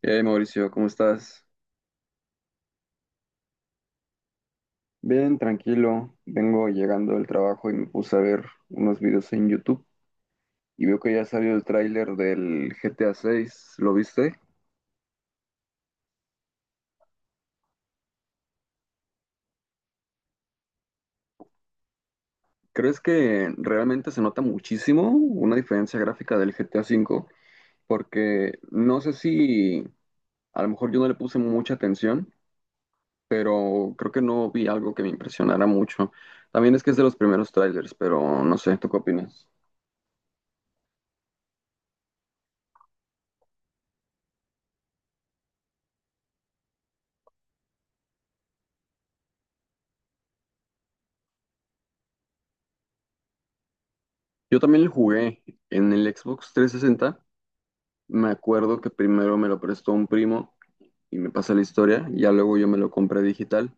Hey Mauricio, ¿cómo estás? Bien, tranquilo. Vengo llegando del trabajo y me puse a ver unos videos en YouTube y veo que ya salió el tráiler del GTA 6. ¿Lo viste? ¿Crees que realmente se nota muchísimo una diferencia gráfica del GTA 5? Porque no sé si a lo mejor yo no le puse mucha atención, pero creo que no vi algo que me impresionara mucho. También es que es de los primeros trailers, pero no sé, ¿tú qué opinas? Yo también lo jugué en el Xbox 360. Me acuerdo que primero me lo prestó un primo y me pasa la historia, y ya luego yo me lo compré digital,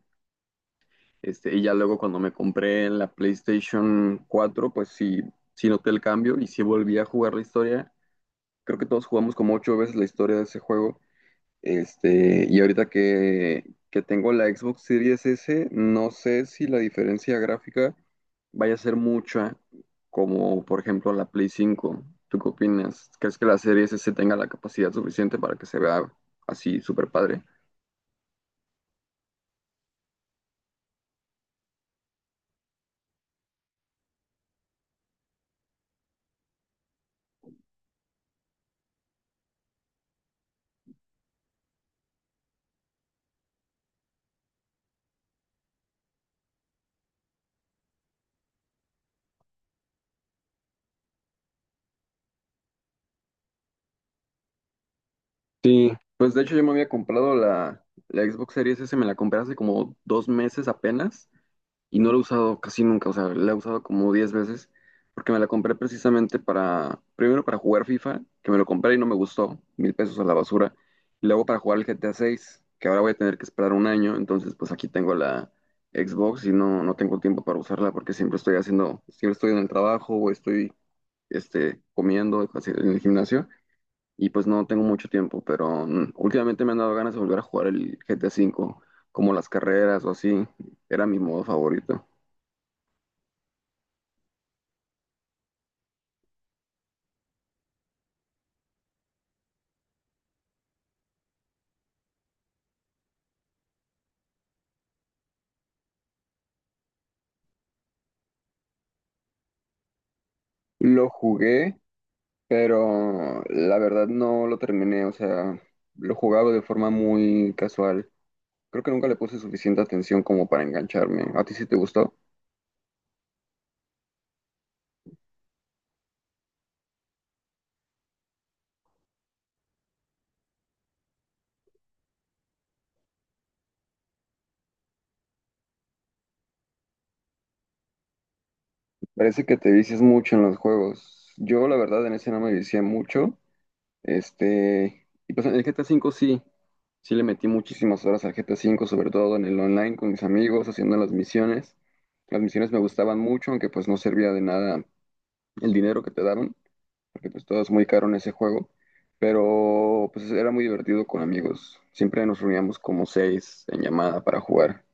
y ya luego cuando me compré la PlayStation 4 pues sí, sí noté el cambio y sí volví a jugar la historia. Creo que todos jugamos como 8 veces la historia de ese juego. Y ahorita que tengo la Xbox Series S, no sé si la diferencia gráfica vaya a ser mucha, como por ejemplo la Play 5. ¿Tú qué opinas? ¿Crees que la Series S tenga la capacidad suficiente para que se vea así súper padre? Sí, pues de hecho yo me había comprado la Xbox Series S, me la compré hace como 2 meses apenas y no lo he usado casi nunca, o sea, la he usado como 10 veces porque me la compré precisamente para, primero para jugar FIFA, que me lo compré y no me gustó, 1,000 pesos a la basura, y luego para jugar el GTA 6 que ahora voy a tener que esperar un año, entonces pues aquí tengo la Xbox y no, no tengo tiempo para usarla porque siempre estoy haciendo, siempre estoy en el trabajo o estoy comiendo así, en el gimnasio y pues no tengo mucho tiempo, pero últimamente me han dado ganas de volver a jugar el GTA 5 como las carreras o así, era mi modo favorito. Lo jugué, pero la verdad no lo terminé, o sea, lo jugaba de forma muy casual. Creo que nunca le puse suficiente atención como para engancharme. ¿A ti sí te gustó? Parece que te vicias mucho en los juegos. Yo la verdad en ese no me vicié mucho. Y pues en el GTA 5 sí, sí le metí muchísimas horas al GTA 5 sobre todo en el online con mis amigos, haciendo las misiones. Las misiones me gustaban mucho, aunque pues no servía de nada el dinero que te daban, porque pues todo es muy caro en ese juego, pero pues era muy divertido con amigos. Siempre nos reuníamos como seis en llamada para jugar.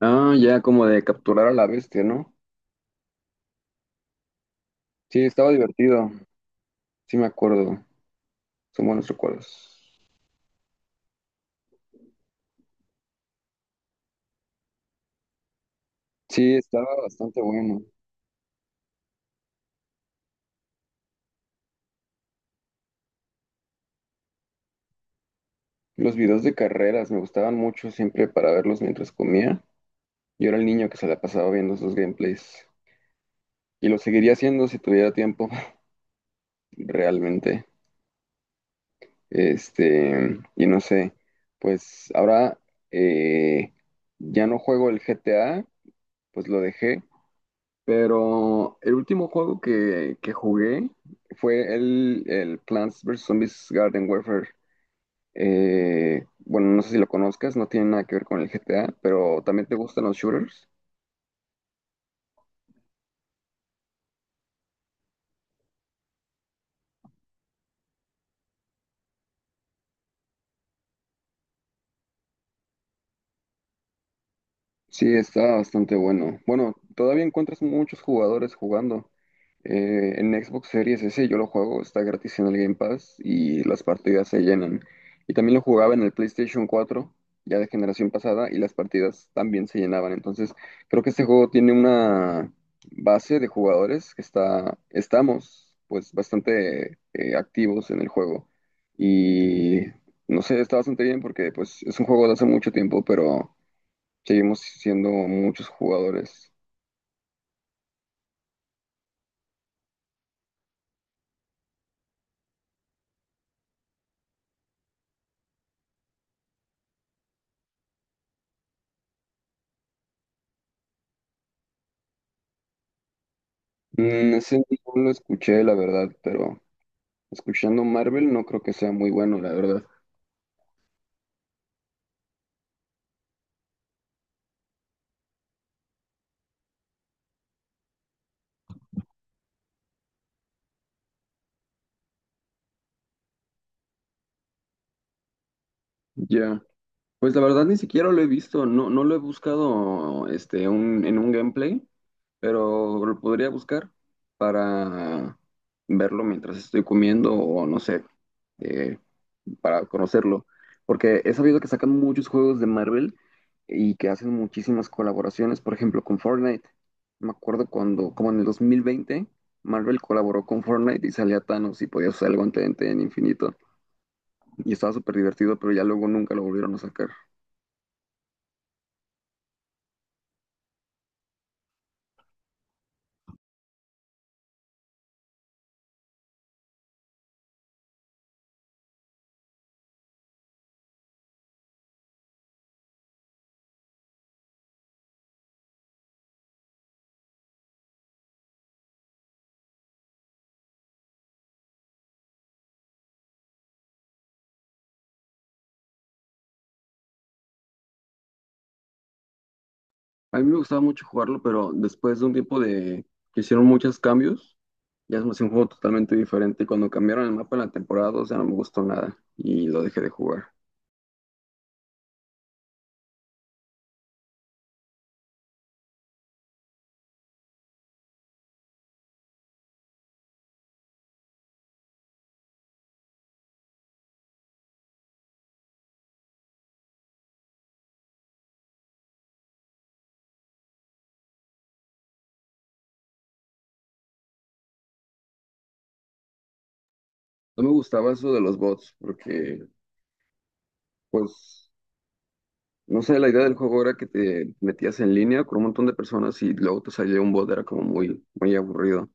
Ah, ya como de capturar a la bestia, ¿no? Sí, estaba divertido, sí me acuerdo, son buenos recuerdos. Sí, estaba bastante bueno. Los videos de carreras me gustaban mucho siempre para verlos mientras comía. Yo era el niño que se la pasaba viendo esos gameplays y lo seguiría haciendo si tuviera tiempo, realmente. Y no sé, pues ahora eh, ya no juego el GTA, pues lo dejé, pero el último juego que jugué fue el Plants vs. Zombies Garden Warfare. Bueno, no sé si lo conozcas, no tiene nada que ver con el GTA, pero ¿también te gustan los shooters? Sí, está bastante bueno. Bueno, todavía encuentras muchos jugadores jugando. En Xbox Series S yo lo juego, está gratis en el Game Pass y las partidas se llenan. Y también lo jugaba en el PlayStation 4, ya de generación pasada, y las partidas también se llenaban. Entonces, creo que este juego tiene una base de jugadores que estamos pues bastante activos en el juego. Y no sé, está bastante bien porque pues es un juego de hace mucho tiempo, pero seguimos siendo muchos jugadores. Ese no lo escuché, la verdad, pero escuchando Marvel no creo que sea muy bueno, la verdad. Ya. Pues la verdad ni siquiera lo he visto, no, no lo he buscado en un gameplay, pero lo podría buscar para verlo mientras estoy comiendo o no sé, eh, para conocerlo. Porque he sabido que sacan muchos juegos de Marvel y que hacen muchísimas colaboraciones, por ejemplo, con Fortnite. Me acuerdo cuando, como en el 2020, Marvel colaboró con Fortnite y salía Thanos y podía usar el guante de en infinito. Y estaba súper divertido, pero ya luego nunca lo volvieron a sacar. A mí me gustaba mucho jugarlo, pero después de un tiempo de que hicieron muchos cambios, ya es más un juego totalmente diferente. Y cuando cambiaron el mapa en la temporada 2 ya no me gustó nada y lo dejé de jugar. No me gustaba eso de los bots, porque pues, no sé, la idea del juego era que te metías en línea con un montón de personas y luego te salía un bot, era como muy, muy aburrido.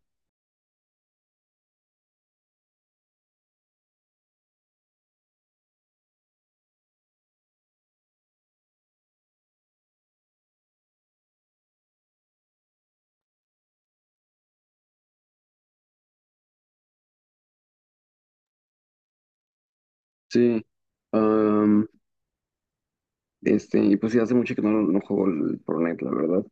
Sí, am, y pues sí, hace mucho que no, no juego el Fortnite, la verdad.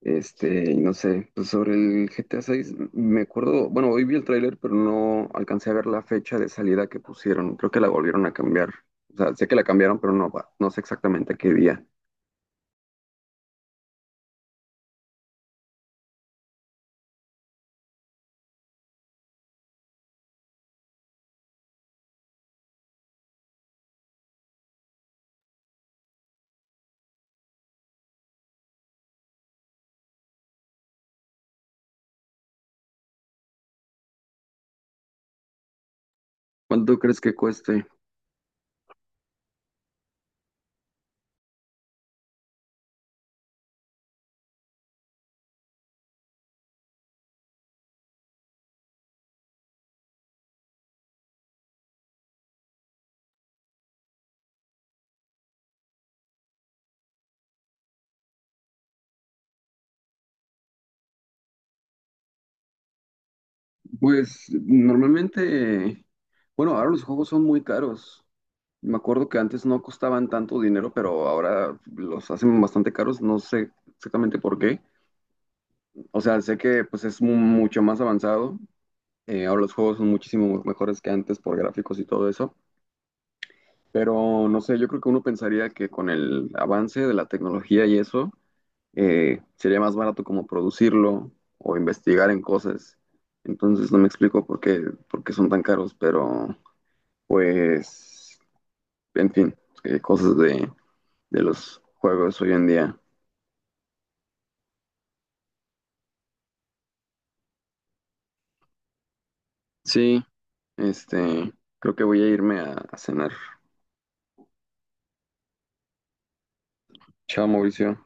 Y no sé, pues sobre el GTA 6 me acuerdo, bueno, hoy vi el tráiler, pero no alcancé a ver la fecha de salida que pusieron. Creo que la volvieron a cambiar. O sea, sé que la cambiaron, pero no, no sé exactamente qué día. ¿Cuánto crees que cueste? Pues normalmente, bueno, ahora los juegos son muy caros. Me acuerdo que antes no costaban tanto dinero, pero ahora los hacen bastante caros, no sé exactamente por qué. O sea, sé que pues es mucho más avanzado. Ahora los juegos son muchísimo mejores que antes por gráficos y todo eso, pero no sé, yo creo que uno pensaría que con el avance de la tecnología y eso, sería más barato como producirlo o investigar en cosas. Entonces no me explico por qué son tan caros, pero pues, en fin, cosas de los juegos hoy en día. Sí, este, creo que voy a irme a cenar. Chao, Mauricio.